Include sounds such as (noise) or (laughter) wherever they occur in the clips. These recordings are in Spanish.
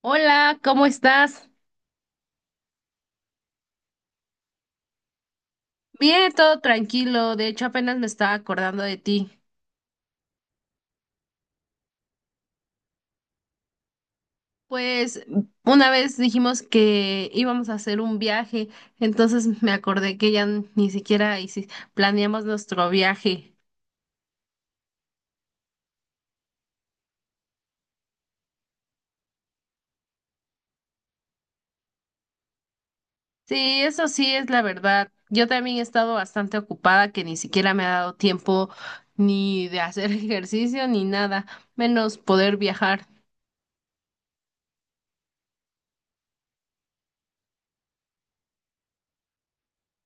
Hola, ¿cómo estás? Bien, todo tranquilo. De hecho, apenas me estaba acordando de ti. Pues una vez dijimos que íbamos a hacer un viaje, entonces me acordé que ya ni siquiera planeamos nuestro viaje. Sí, eso sí es la verdad. Yo también he estado bastante ocupada que ni siquiera me ha dado tiempo ni de hacer (laughs) ejercicio ni nada, menos poder viajar.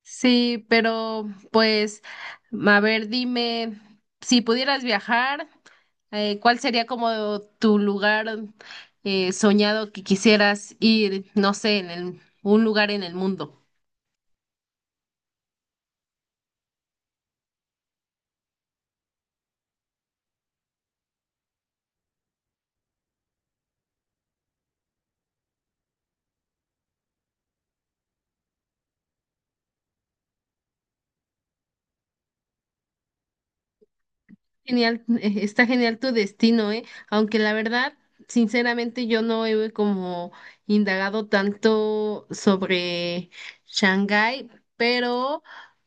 Sí, pero pues, a ver, dime, si pudieras viajar, ¿cuál sería como tu lugar soñado que quisieras ir, no sé, un lugar en el mundo? Genial, está genial tu destino, ¿eh? Aunque la verdad, sinceramente, yo no he como indagado tanto sobre Shanghái, pero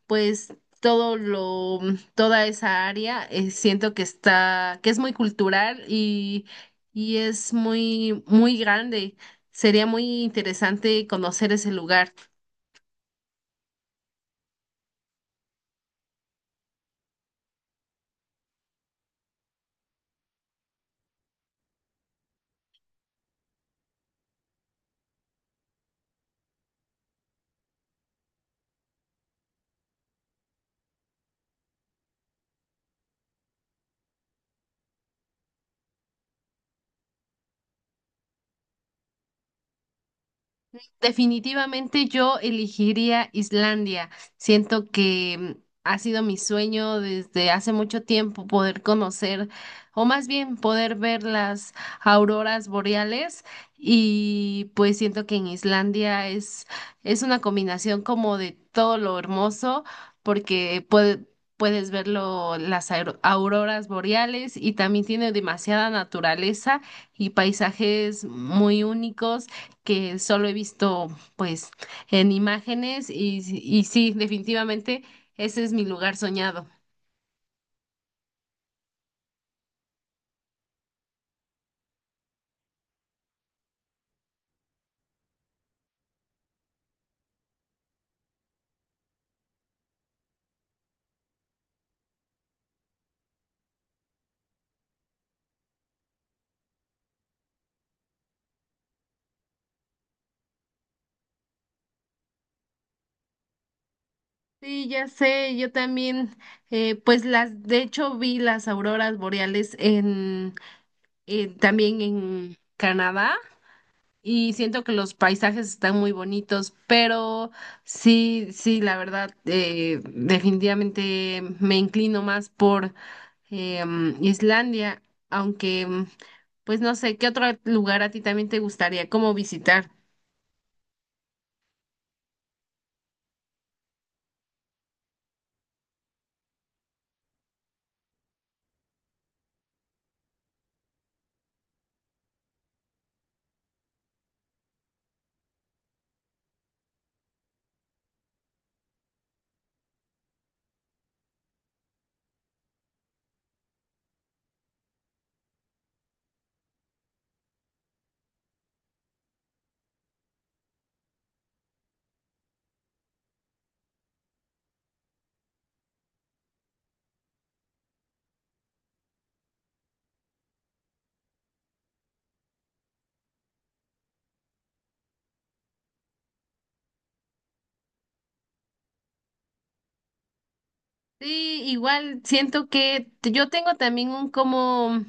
pues todo lo, toda esa área, siento que está, que es muy cultural y es muy, muy grande. Sería muy interesante conocer ese lugar. Definitivamente yo elegiría Islandia. Siento que ha sido mi sueño desde hace mucho tiempo poder conocer, o más bien poder ver las auroras boreales. Y pues siento que en Islandia es una combinación como de todo lo hermoso, porque puedes ver auroras boreales y también tiene demasiada naturaleza y paisajes muy únicos que solo he visto pues en imágenes y sí, definitivamente ese es mi lugar soñado. Sí, ya sé, yo también, pues las, de hecho vi las auroras boreales también en Canadá y siento que los paisajes están muy bonitos, pero sí, sí, la verdad, definitivamente me inclino más por Islandia, aunque, pues no sé, ¿qué otro lugar a ti también te gustaría como visitar? Sí, igual siento que yo tengo también un como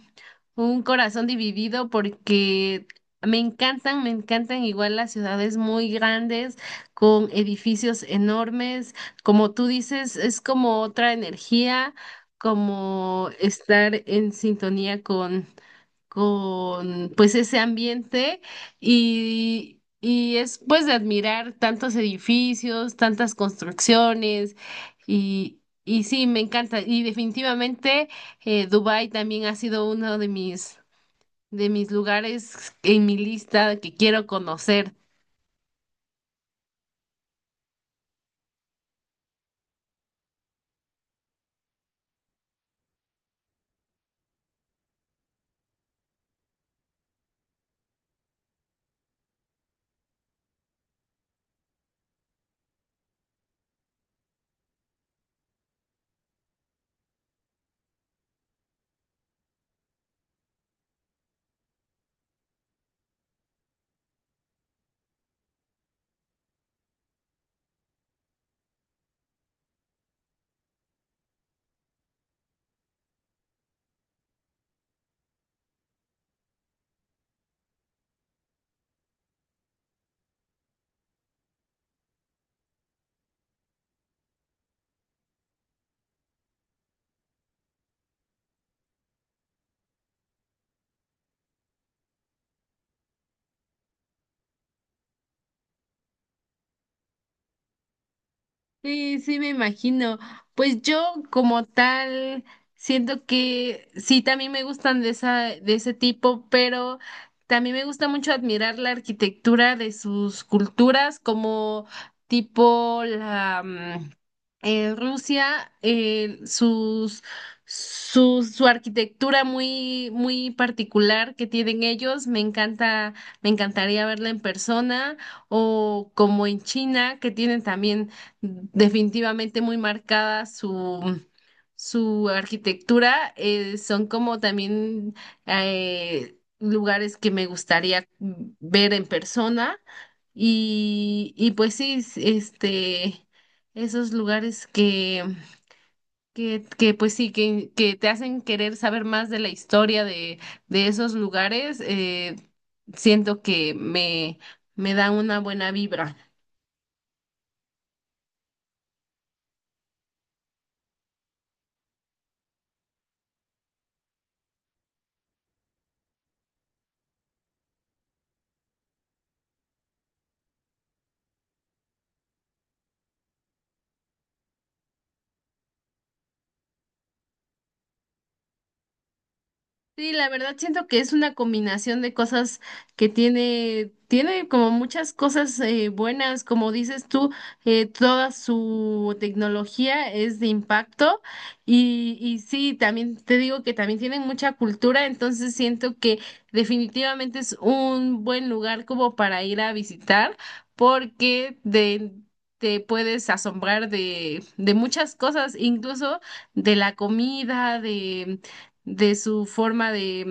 un corazón dividido porque me encantan igual las ciudades muy grandes con edificios enormes, como tú dices, es como otra energía, como estar en sintonía con pues ese ambiente y es pues de admirar tantos edificios, tantas construcciones y sí, me encanta. Y definitivamente Dubái también ha sido uno de mis lugares en mi lista que quiero conocer. Sí, sí, me imagino. Pues yo como tal siento que sí, también me gustan de esa, de ese tipo, pero también me gusta mucho admirar la arquitectura de sus culturas, como tipo la, Rusia, sus, su arquitectura muy, muy particular que tienen ellos, me encanta, me encantaría verla en persona, o como en China, que tienen también definitivamente muy marcada su su arquitectura son como también lugares que me gustaría ver en persona y pues sí, este, esos lugares que pues sí, que te hacen querer saber más de la historia de esos lugares, siento que me da una buena vibra. Sí, la verdad siento que es una combinación de cosas que tiene, tiene como muchas cosas buenas, como dices tú, toda su tecnología es de impacto y sí, también te digo que también tienen mucha cultura, entonces siento que definitivamente es un buen lugar como para ir a visitar porque de... te puedes asombrar de muchas cosas, incluso de la comida, de su forma de,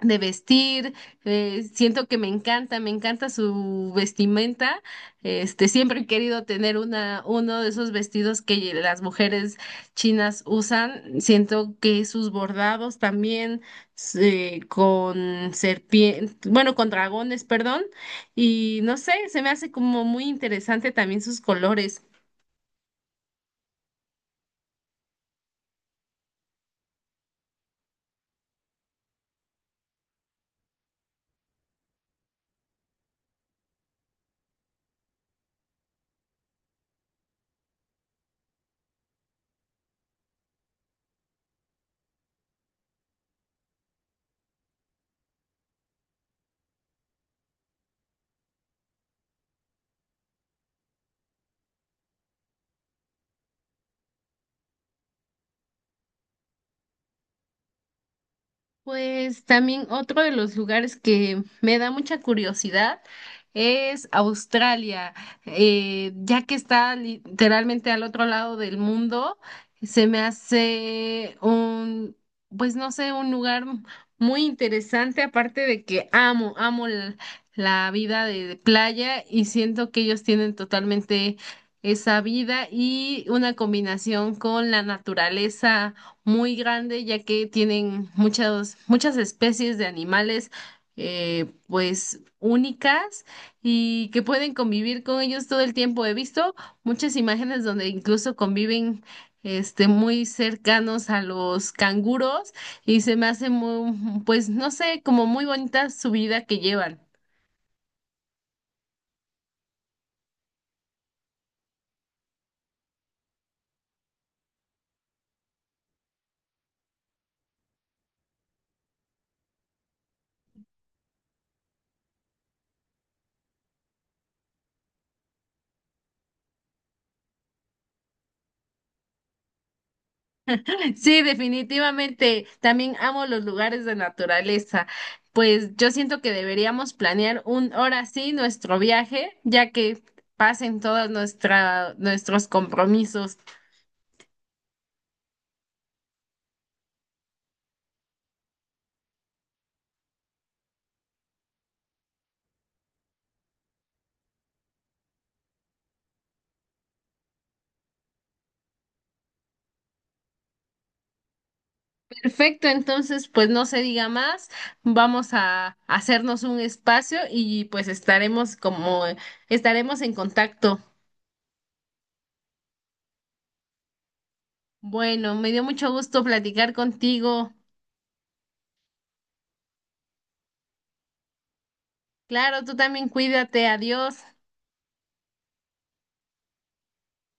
de vestir. Siento que me encanta su vestimenta. Este, siempre he querido tener una, uno de esos vestidos que las mujeres chinas usan. Siento que sus bordados también con serpientes, bueno, con dragones, perdón. Y no sé, se me hace como muy interesante también sus colores. Pues también otro de los lugares que me da mucha curiosidad es Australia. Ya que está literalmente al otro lado del mundo, se me hace un, pues no sé, un lugar muy interesante, aparte de que amo, la vida de playa y siento que ellos tienen totalmente esa vida y una combinación con la naturaleza muy grande, ya que tienen muchas, muchas especies de animales, pues únicas y que pueden convivir con ellos todo el tiempo. He visto muchas imágenes donde incluso conviven, este, muy cercanos a los canguros y se me hace muy, pues no sé, como muy bonita su vida que llevan. (laughs) Sí, definitivamente. También amo los lugares de naturaleza. Pues yo siento que deberíamos planear un hora sí nuestro viaje, ya que pasen todos nuestra, nuestros compromisos. Perfecto, entonces pues no se diga más. Vamos a hacernos un espacio y pues estaremos como estaremos en contacto. Bueno, me dio mucho gusto platicar contigo. Claro, tú también cuídate. Adiós.